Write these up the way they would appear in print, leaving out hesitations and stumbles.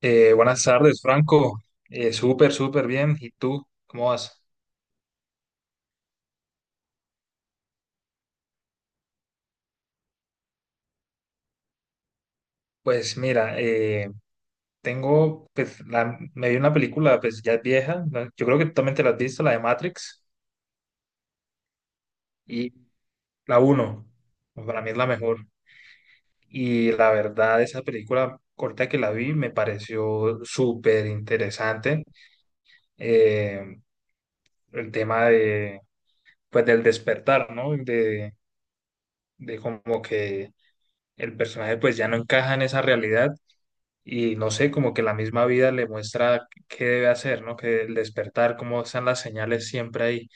Buenas tardes, Franco. Súper súper bien. ¿Y tú? ¿Cómo vas? Pues mira, tengo, pues, me vi una película, pues ya es vieja, ¿no? Yo creo que tú también te la has visto, la de Matrix. Y la uno, pues, para mí es la mejor. Y la verdad, esa película corta que la vi me pareció súper interesante. Eh, el tema de, pues, del despertar, ¿no? De como que el personaje pues ya no encaja en esa realidad y no sé, como que la misma vida le muestra qué debe hacer, ¿no? Que el despertar, cómo están las señales siempre ahí.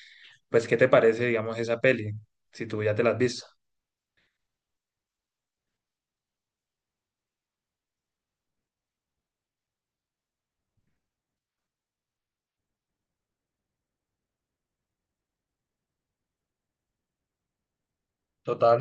Pues, ¿qué te parece, digamos, esa peli? Si tú ya te la has visto. Total.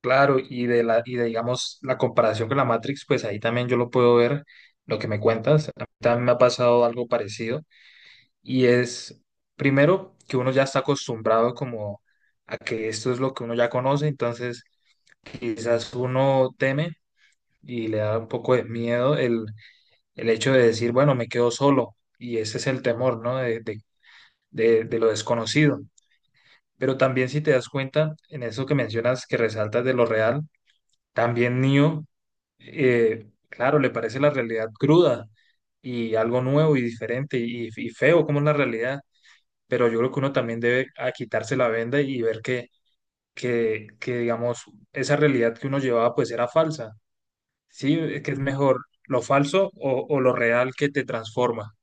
Claro, y de, digamos, la comparación con la Matrix, pues ahí también yo lo puedo ver, lo que me cuentas. A mí también me ha pasado algo parecido. Y es, primero, que uno ya está acostumbrado como a que esto es lo que uno ya conoce, entonces quizás uno teme y le da un poco de miedo el hecho de decir, bueno, me quedo solo, y ese es el temor, ¿no? De lo desconocido. Pero también si te das cuenta, en eso que mencionas, que resaltas de lo real, también Neo, claro, le parece la realidad cruda y algo nuevo y diferente y feo como es la realidad, pero yo creo que uno también debe a quitarse la venda y ver que, digamos, esa realidad que uno llevaba pues era falsa, ¿sí? Es que es mejor lo falso o lo real que te transforma.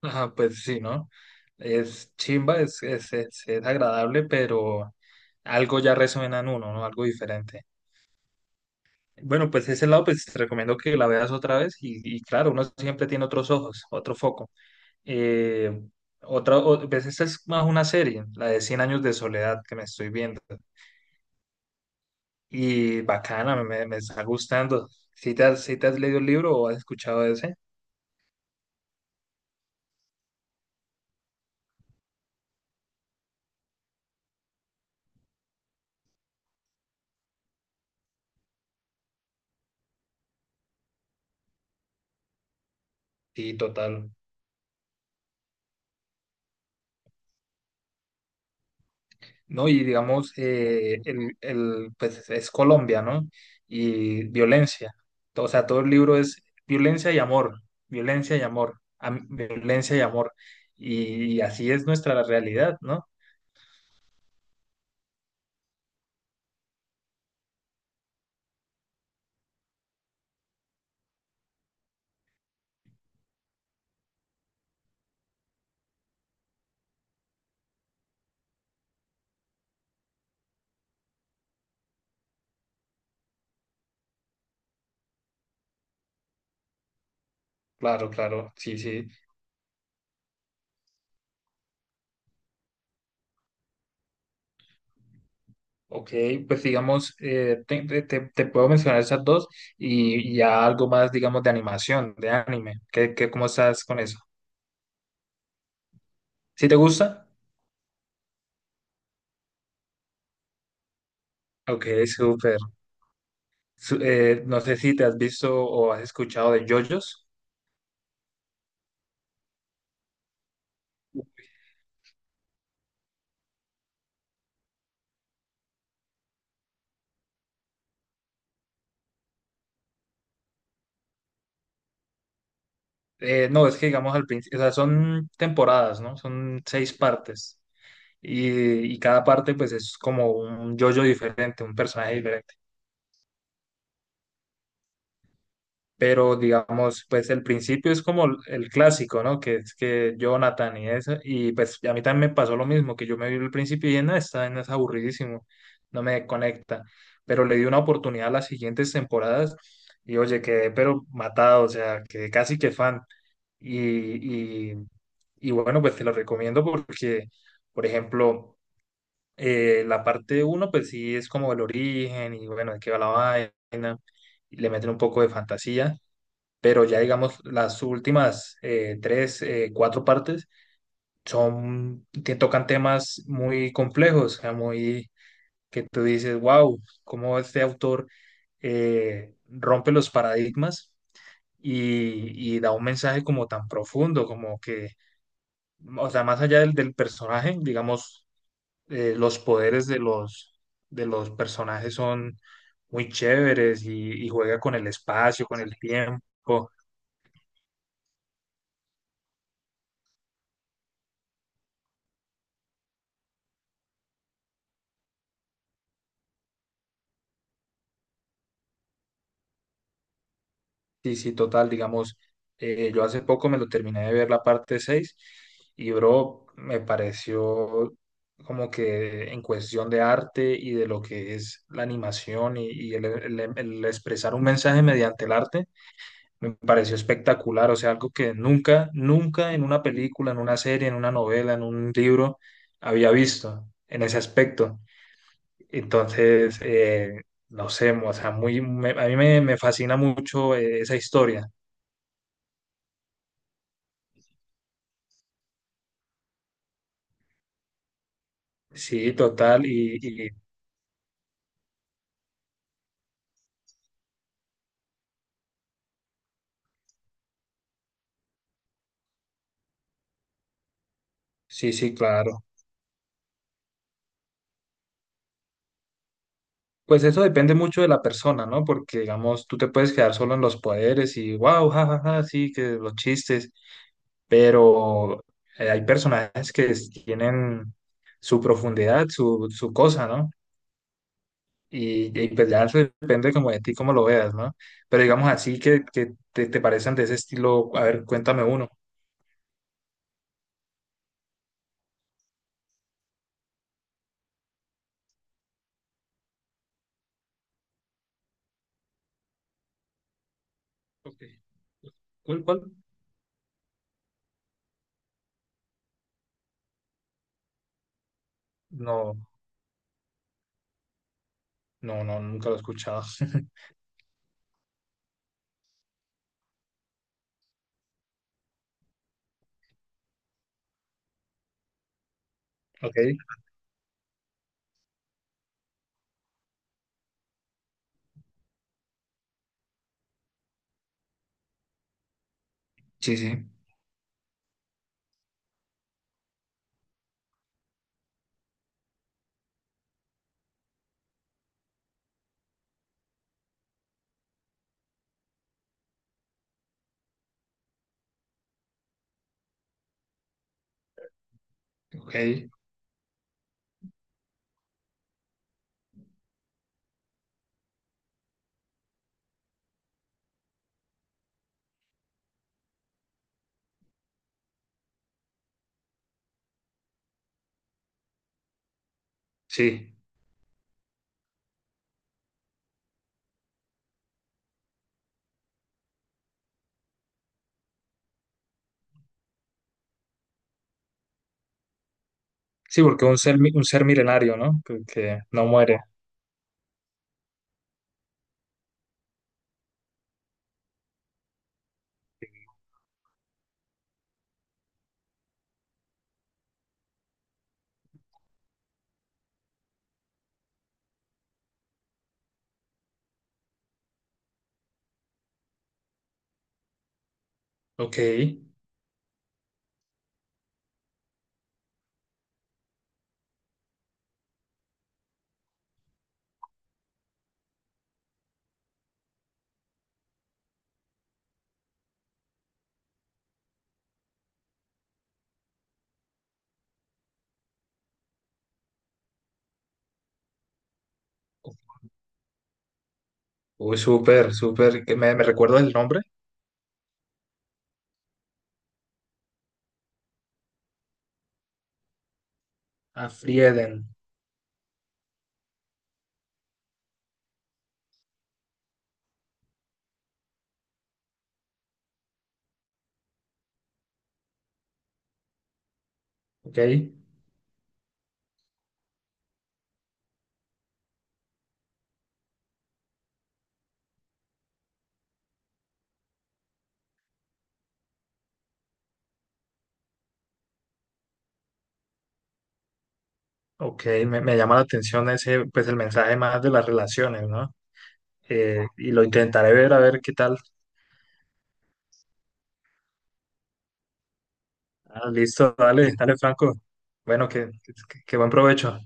Ajá, pues sí, ¿no? Es chimba, es agradable, pero algo ya resuena en uno, ¿no? Algo diferente. Bueno, pues ese lado, pues te recomiendo que la veas otra vez y claro, uno siempre tiene otros ojos, otro foco. Eh, Otra, pues esta es más una serie, la de Cien años de soledad que me estoy viendo. Y bacana, me está gustando. ¿Si te has leído el libro o has escuchado de ese? Sí, total. ¿No? Y digamos, pues es Colombia, ¿no? Y violencia. O sea, todo el libro es violencia y amor, violencia y amor. Y así es nuestra realidad, ¿no? Claro, claro, sí, sí. Ok, pues digamos, te puedo mencionar esas dos y ya algo más, digamos, de animación, de anime. ¿Cómo estás con eso? ¿Sí te gusta? Ok, súper. No sé si te has visto o has escuchado de JoJo's. No, es que digamos al principio, o sea, son temporadas, ¿no? Son 6 partes. Y, y cada parte pues es como un yo-yo diferente, un personaje diferente. Pero digamos, pues el principio es como el clásico, ¿no? Que es que Jonathan y eso, y pues a mí también me pasó lo mismo, que yo me vi el principio y en esta, en es aburridísimo, no me conecta, pero le di una oportunidad a las siguientes temporadas y oye, quedé pero matado, o sea, quedé casi que fan. Y, y, y bueno, pues te lo recomiendo porque, por ejemplo, la parte uno, pues sí es como el origen y bueno, de qué va la vaina, y le meten un poco de fantasía, pero ya digamos las últimas tres, cuatro partes son, te tocan temas muy complejos, muy que tú dices, wow, cómo este autor rompe los paradigmas y da un mensaje como tan profundo, como que, o sea, más allá del personaje, digamos, los poderes de los personajes son muy chéveres y juega con el espacio, con el tiempo. Sí, sí, total, digamos, yo hace poco me lo terminé de ver la parte 6 y bro, me pareció como que en cuestión de arte y de lo que es la animación y el expresar un mensaje mediante el arte, me pareció espectacular, o sea, algo que nunca, nunca en una película, en una serie, en una novela, en un libro había visto en ese aspecto. Entonces, no sé, o sea, muy, a mí me fascina mucho esa historia. Sí, total, y sí, sí, claro. Pues eso depende mucho de la persona, ¿no? Porque, digamos, tú te puedes quedar solo en los poderes y, wow, jajaja, sí, que los chistes, pero hay personajes que tienen su profundidad, su cosa, ¿no? Y pues ya eso depende como de ti, cómo lo veas, ¿no? Pero digamos así que, te parecen de ese estilo, a ver, cuéntame uno. Ok. ¿Cuál, cuál? No, no, no, nunca lo he escuchado. Ok, sí, sí, ok. Sí, sí, porque un ser, un ser milenario, ¿no? Que no muere. Ok. Uy, súper, súper. ¿Que me recuerdas el nombre? A Frieden. Ok. Ok, me llama la atención ese, pues el mensaje más de las relaciones, ¿no? Y lo intentaré ver, a ver qué tal. Ah, listo, dale, dale, Franco. Bueno, que buen provecho.